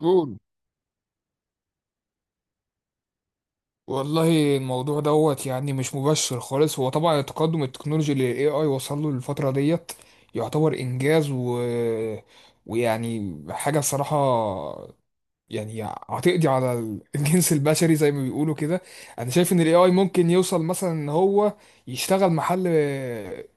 قول. والله الموضوع دوت يعني مش مبشر خالص. هو طبعا التقدم التكنولوجي اللي الاي اي وصل له الفترة ديت يعتبر انجاز. ويعني حاجة الصراحة، يعني هتقضي على الجنس البشري زي ما بيقولوا كده. انا شايف ان الاي اي ممكن يوصل مثلا ان هو يشتغل محل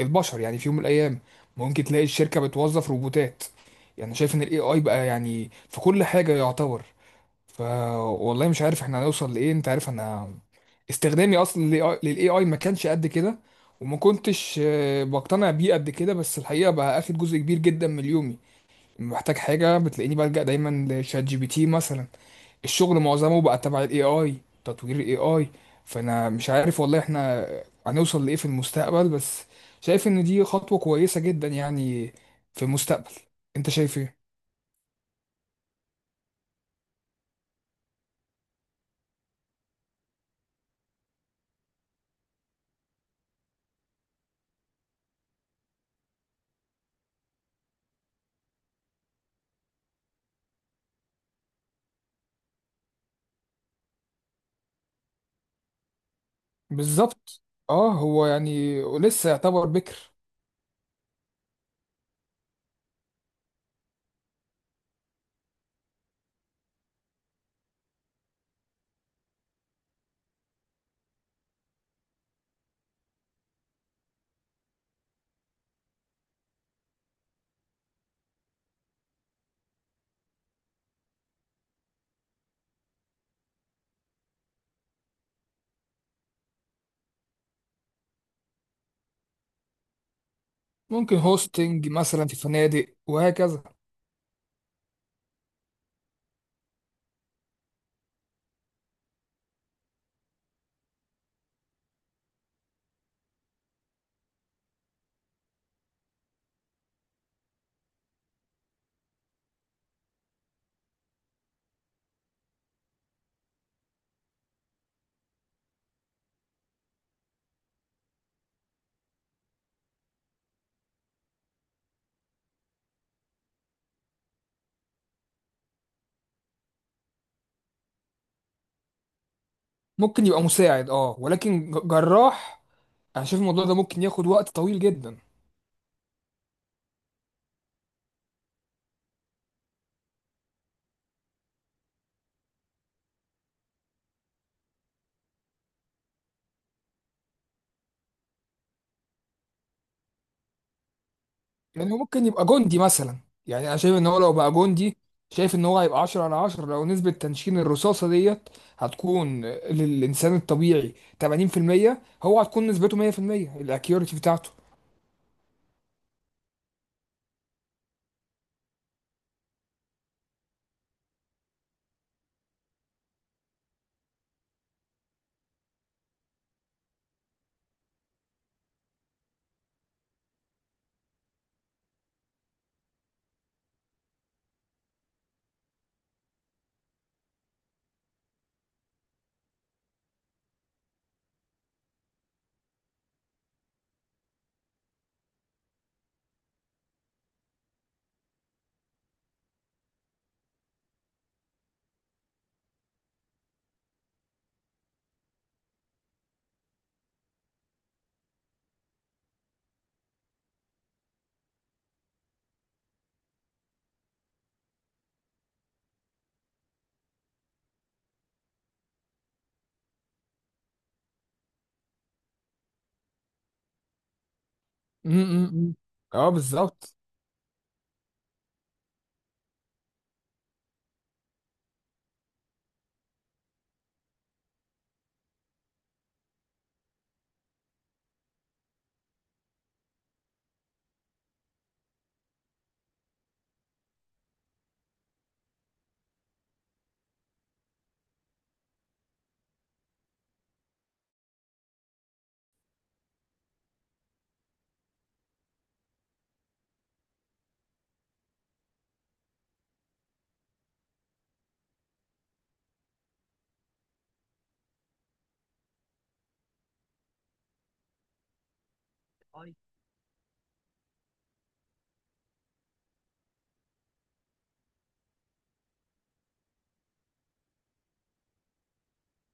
البشر يعني في يوم من الايام. ممكن تلاقي الشركة بتوظف روبوتات. يعني شايف ان الاي اي بقى يعني في كل حاجة يعتبر. ف والله مش عارف احنا هنوصل لايه. انت عارف انا استخدامي اصلا للاي اي ما كانش قد كده، وما كنتش بقتنع بيه قد كده. بس الحقيقه بقى اخد جزء كبير جدا من يومي. لما بحتاج حاجه بتلاقيني بلجأ دايما لشات جي بي تي مثلا. الشغل معظمه بقى تبع الاي اي، تطوير الاي اي. فانا مش عارف والله احنا هنوصل لايه في المستقبل، بس شايف ان دي خطوه كويسه جدا يعني في المستقبل. انت شايف ايه؟ بالظبط. اه هو يعني لسه يعتبر بكر. ممكن هوستنج مثلا في فنادق وهكذا. ممكن يبقى مساعد اه، ولكن جراح. انا شايف الموضوع ده ممكن ياخد وقت طويل جدا. يعني هو ممكن يبقى جندي مثلا. يعني انا شايف ان هو لو بقى جندي، شايف ان هو هيبقى 10 على 10 لو نسبة تنشين الرصاصة ديت هتكون للإنسان الطبيعي 80%، هو هتكون نسبته 100%، الأكيوريتي بتاعته. م- م- م. اه بالظبط.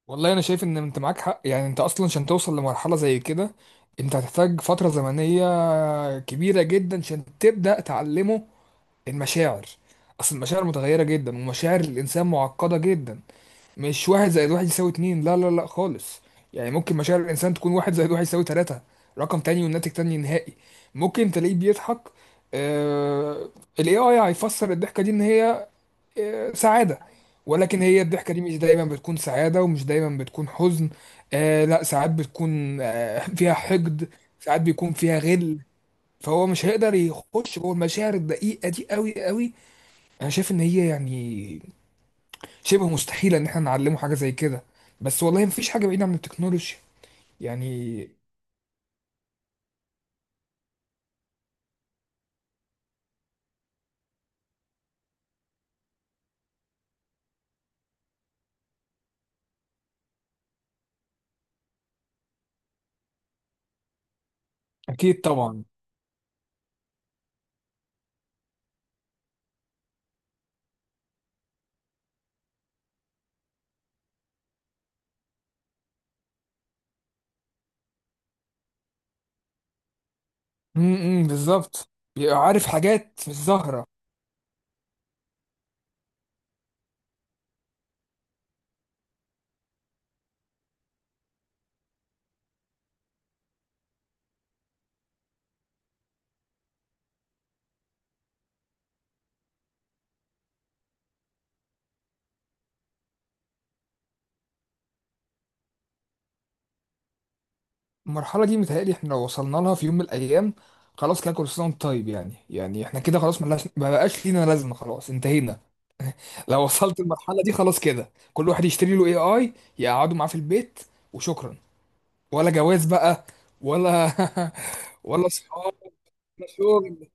والله انا شايف ان انت معاك حق، يعني انت اصلا عشان توصل لمرحله زي كده انت هتحتاج فتره زمنيه كبيره جدا عشان تبدا تعلمه المشاعر. اصل المشاعر متغيره جدا ومشاعر الانسان معقده جدا. مش واحد زائد واحد يساوي اتنين، لا لا لا خالص. يعني ممكن مشاعر الانسان تكون واحد زائد واحد يساوي تلاته، رقم تاني والناتج تاني نهائي. ممكن تلاقيه بيضحك. آه... الاي اي هيفسر الضحكه دي ان هي سعادة. ولكن هي الضحكة دي مش دايما بتكون سعادة ومش دايما بتكون حزن. آه لا، ساعات بتكون فيها حقد، ساعات بيكون فيها غل. فهو مش هيقدر يخش جوه المشاعر الدقيقة دي قوي قوي. انا شايف ان هي يعني شبه مستحيلة ان احنا نعلمه حاجة زي كده. بس والله مفيش حاجة بعيدة عن التكنولوجيا. يعني اكيد طبعا. بالظبط. بيبقى عارف حاجات مش ظاهرة. المرحلة دي متهيألي احنا لو وصلنا لها في يوم من الأيام خلاص كده، كل سنة وانت طيب، يعني احنا كده خلاص ملهاش، ما بقاش لينا لازمة، خلاص انتهينا. لو وصلت المرحلة دي خلاص كده كل واحد يشتري له اي اي، يقعدوا معاه في البيت وشكرا. ولا جواز بقى، ولا ولا صحاب، ولا شغل،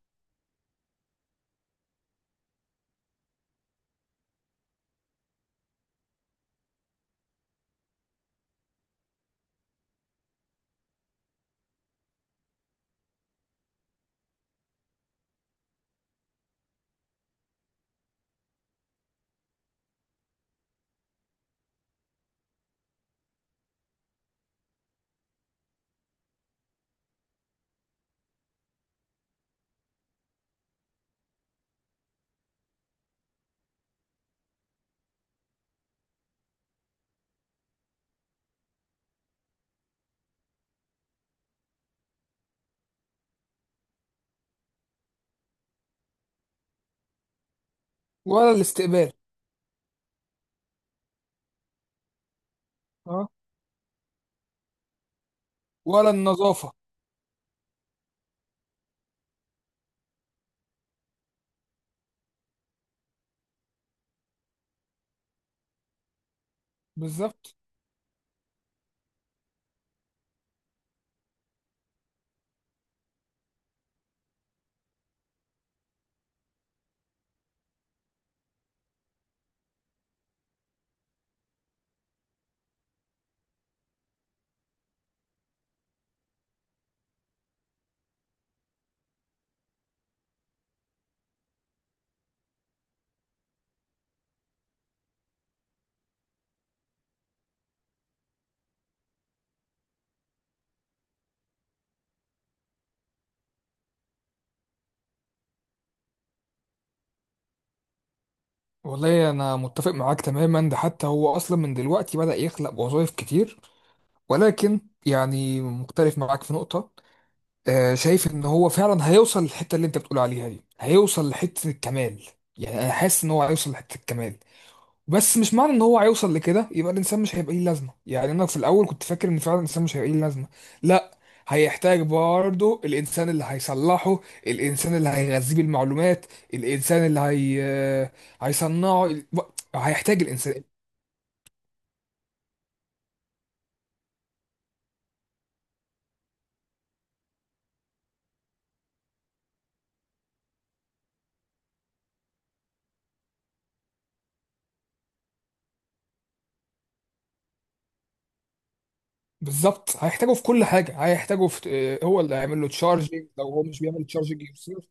ولا الاستقبال. اه، ولا النظافة. بالظبط. والله انا متفق معاك تماما، ده حتى هو اصلا من دلوقتي بدأ يخلق وظائف كتير، ولكن يعني مختلف معاك في نقطة. شايف ان هو فعلا هيوصل للحته اللي انت بتقول عليها دي، هيوصل لحته الكمال. يعني انا حاسس ان هو هيوصل لحته الكمال. بس مش معنى ان هو هيوصل لكده يبقى الانسان مش هيبقى ليه لازمه. يعني انا في الاول كنت فاكر ان فعلا الانسان مش هيبقى ليه لازمه. لا، هيحتاج برضه الانسان اللي هيصلحه، الانسان اللي هيغذيه بالمعلومات، الانسان اللي هي آه، هيصنعه، هيحتاج الانسان. بالظبط، هيحتاجه في كل حاجه، هيحتاجه في آه، هو اللي هيعمل له تشارجنج لو هو مش بيعمل تشارجنج يوصل.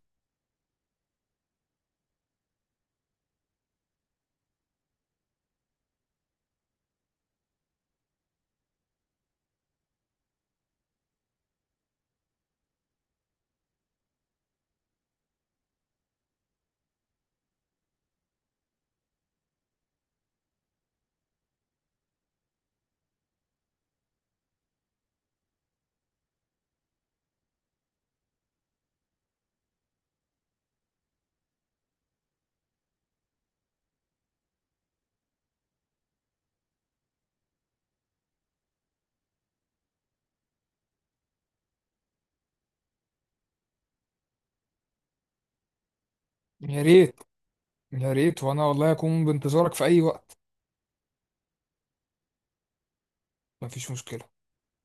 يا ريت، يا ريت وانا والله اكون بانتظارك في اي وقت. مفيش مشكلة